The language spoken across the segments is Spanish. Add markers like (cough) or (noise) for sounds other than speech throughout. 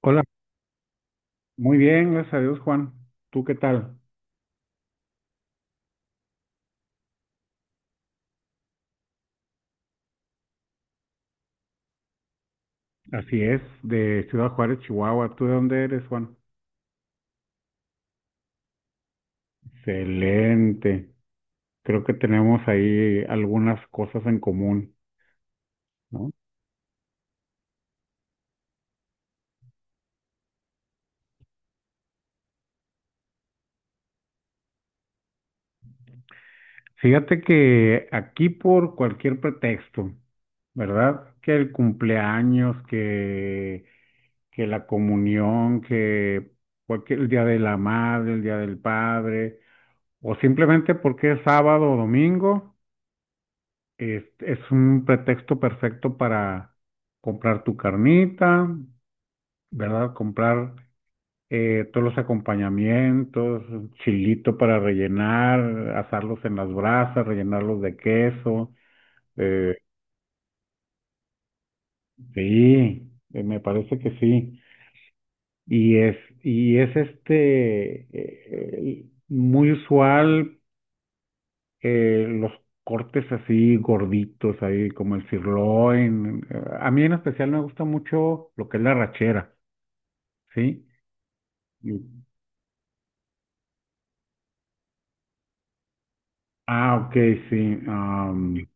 Hola, muy bien, gracias a Dios, Juan. ¿Tú qué tal? Así es, de Ciudad Juárez, Chihuahua. ¿Tú de dónde eres, Juan? Excelente. Creo que tenemos ahí algunas cosas en común, ¿no? Fíjate que aquí por cualquier pretexto, ¿verdad? Que el cumpleaños, que la comunión, que cualquier, el día de la madre, el día del padre, o simplemente porque es sábado o domingo. Es un pretexto perfecto para comprar tu carnita, ¿verdad? Comprar todos los acompañamientos, chilito para rellenar, asarlos en las brasas, rellenarlos de queso. eh, sí, me parece que sí. Y es, y es muy usual los cortes así gorditos, ahí como el sirloin. A mí en especial me gusta mucho lo que es la rachera, ¿sí? Y- Ah, ok, sí.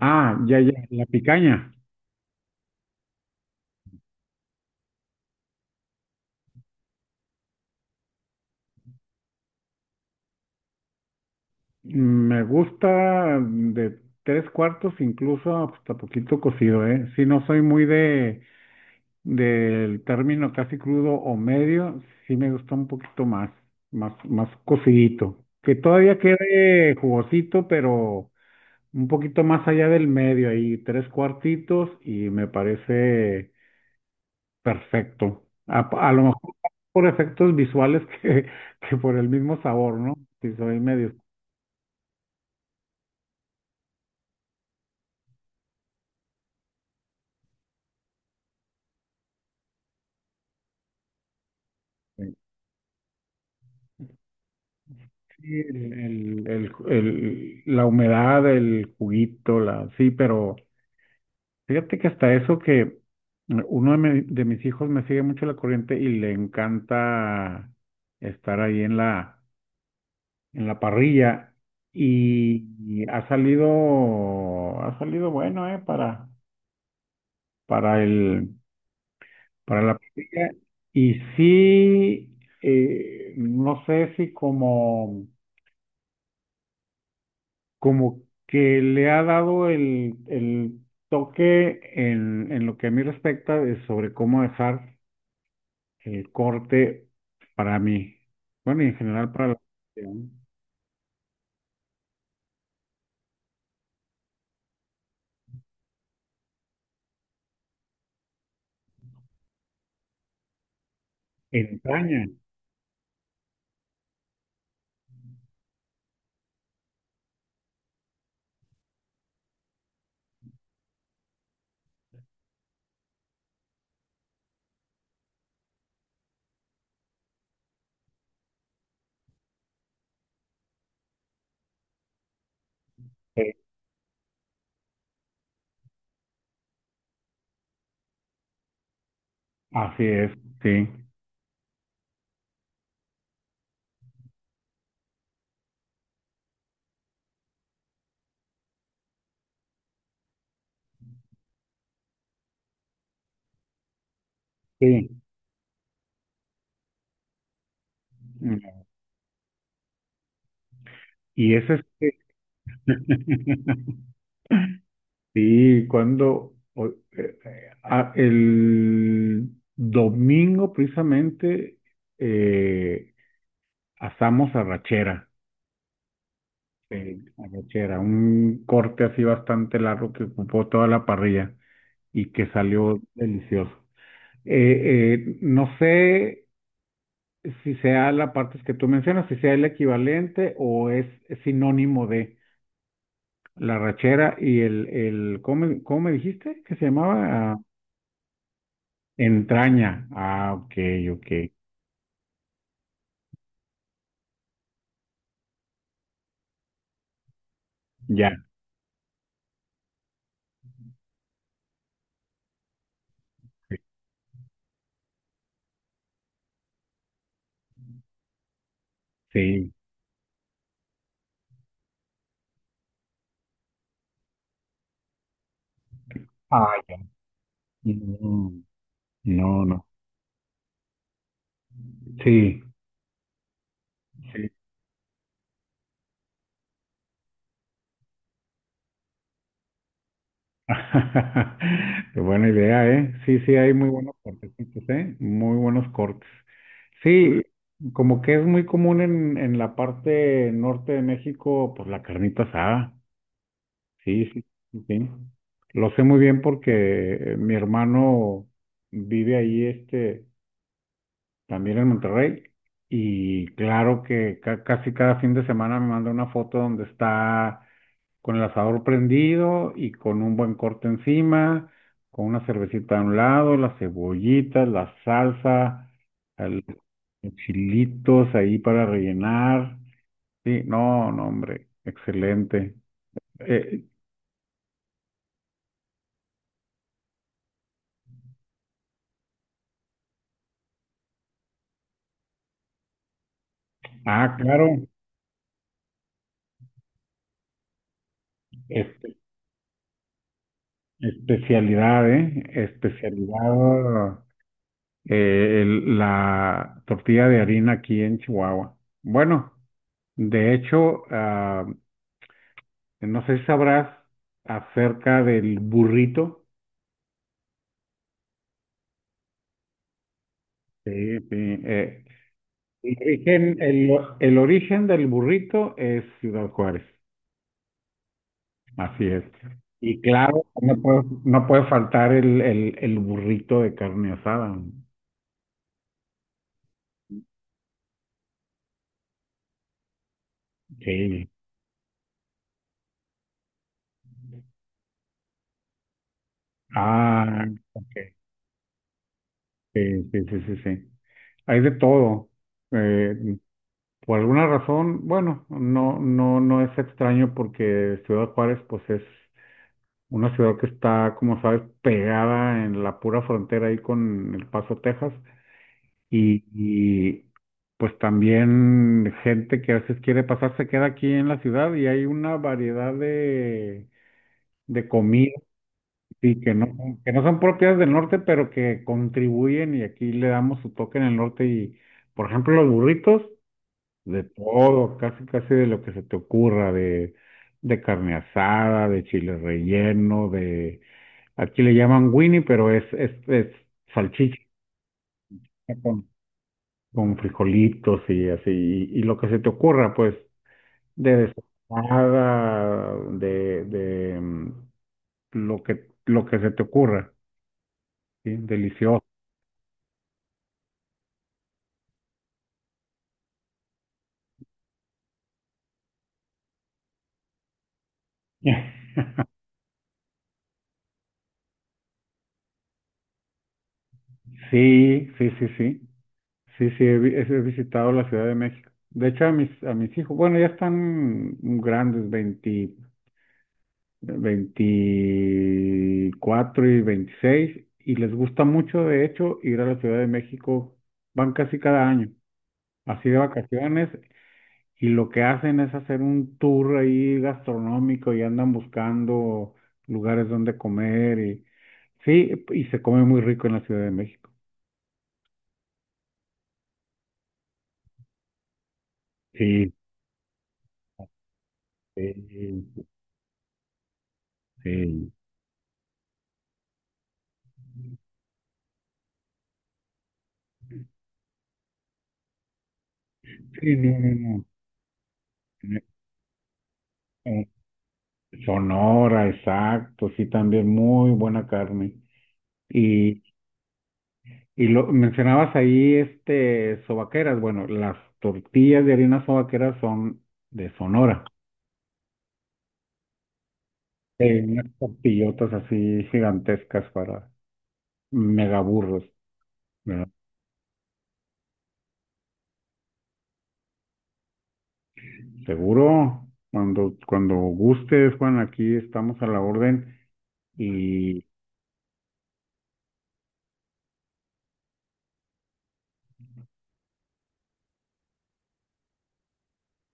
Ah, ya, ya, la picaña. Me gusta de tres cuartos, incluso hasta poquito cocido, ¿eh? Si no soy muy de del término casi crudo o medio, sí me gusta un poquito más, más cocidito. Que todavía quede jugosito, pero un poquito más allá del medio, ahí tres cuartitos y me parece perfecto. A lo mejor por efectos visuales (laughs) que por el mismo sabor, ¿no? Si soy medio... Sí, la humedad, el juguito, la, sí, pero fíjate que hasta eso que uno de, de mis hijos me sigue mucho la corriente y le encanta estar ahí en la parrilla y, ha salido bueno, para, para el, para la parrilla. Y sí, no sé si como que le ha dado el toque en lo que a mí respecta de sobre cómo dejar el corte para mí. Bueno, y en general para la entraña. Sí, así es, sí, sí. Y ese es, (laughs) sí, el domingo precisamente eh, asamos arrachera, arrachera, un corte así bastante largo que ocupó toda la parrilla y que salió delicioso. No sé si sea la parte que tú mencionas, si sea el equivalente o es sinónimo de... La rachera y el cómo me dijiste que se llamaba? Ah, entraña. Ah, ok, ok. Ya, sí. Sí. Ah, ya. Mm, no, no. Sí, sí. (laughs) Qué buena idea, ¿eh? Sí, sí, hay muy buenos cortecitos, ¿eh? Muy buenos cortes. Sí, como que es muy común en la parte norte de México, pues la carnita asada. Sí, sí, sí. Lo sé muy bien porque mi hermano vive ahí, este, también en Monterrey. Y claro que casi cada fin de semana me manda una foto donde está con el asador prendido y con un buen corte encima, con una cervecita a un lado, las cebollitas, la salsa, el- los chilitos ahí para rellenar. Sí, no, no, hombre, excelente. Eh, ah, claro. Especialidad, ¿eh? Especialidad, la tortilla de harina aquí en Chihuahua. Bueno, de hecho, ah, no sé si sabrás acerca del burrito. Sí, sí, eh, el origen, el origen del burrito es Ciudad Juárez, así es. Y claro, no puede faltar el burrito de carne asada. Sí. Ah, ok. Sí, sí, sí, sí, sí. Hay de todo. Eh, por alguna razón, bueno, no es extraño porque Ciudad Juárez, pues es una ciudad que está, como sabes, pegada en la pura frontera ahí con El Paso, Texas. Y, y, pues también gente que a veces quiere pasar se queda aquí en la ciudad y hay una variedad de comidas. Sí, que no, que no son propias del norte, pero que contribuyen y aquí le damos su toque en el norte y, por ejemplo, los burritos, de todo, casi casi de lo que se te ocurra, de carne asada, de chile relleno, de, aquí le llaman Winnie, pero es salchicha con, con frijolitos y así, y lo que se te ocurra, pues, de desalmada, lo que se te ocurra, ¿sí? Delicioso. (laughs) Sí, sí, sí, sí. Sí, sí, he visitado la Ciudad de México. De hecho, a mis hijos, bueno, ya están grandes, 20, 24 y 26, y les gusta mucho, de hecho, ir a la Ciudad de México. Van casi cada año, así de vacaciones, y lo que hacen es hacer un tour ahí gastronómico y andan buscando lugares donde comer. Y, sí, y se come muy rico en la Ciudad de México. Sí, sí. Sí, sí, no, no, no. Eh, Sonora, exacto, sí, también muy buena carne. Y, y lo mencionabas ahí, este, sobaqueras. Bueno, las tortillas de harina sobaqueras son de Sonora. Unas tortillotas así gigantescas para megaburros, ¿verdad? Seguro, cuando, cuando gustes, Juan, aquí estamos a la orden.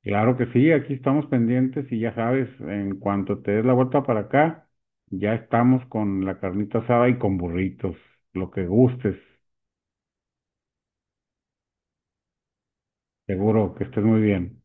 Claro que sí, aquí estamos pendientes y ya sabes, en cuanto te des la vuelta para acá, ya estamos con la carnita asada y con burritos, lo que gustes. Seguro. Que estés muy bien.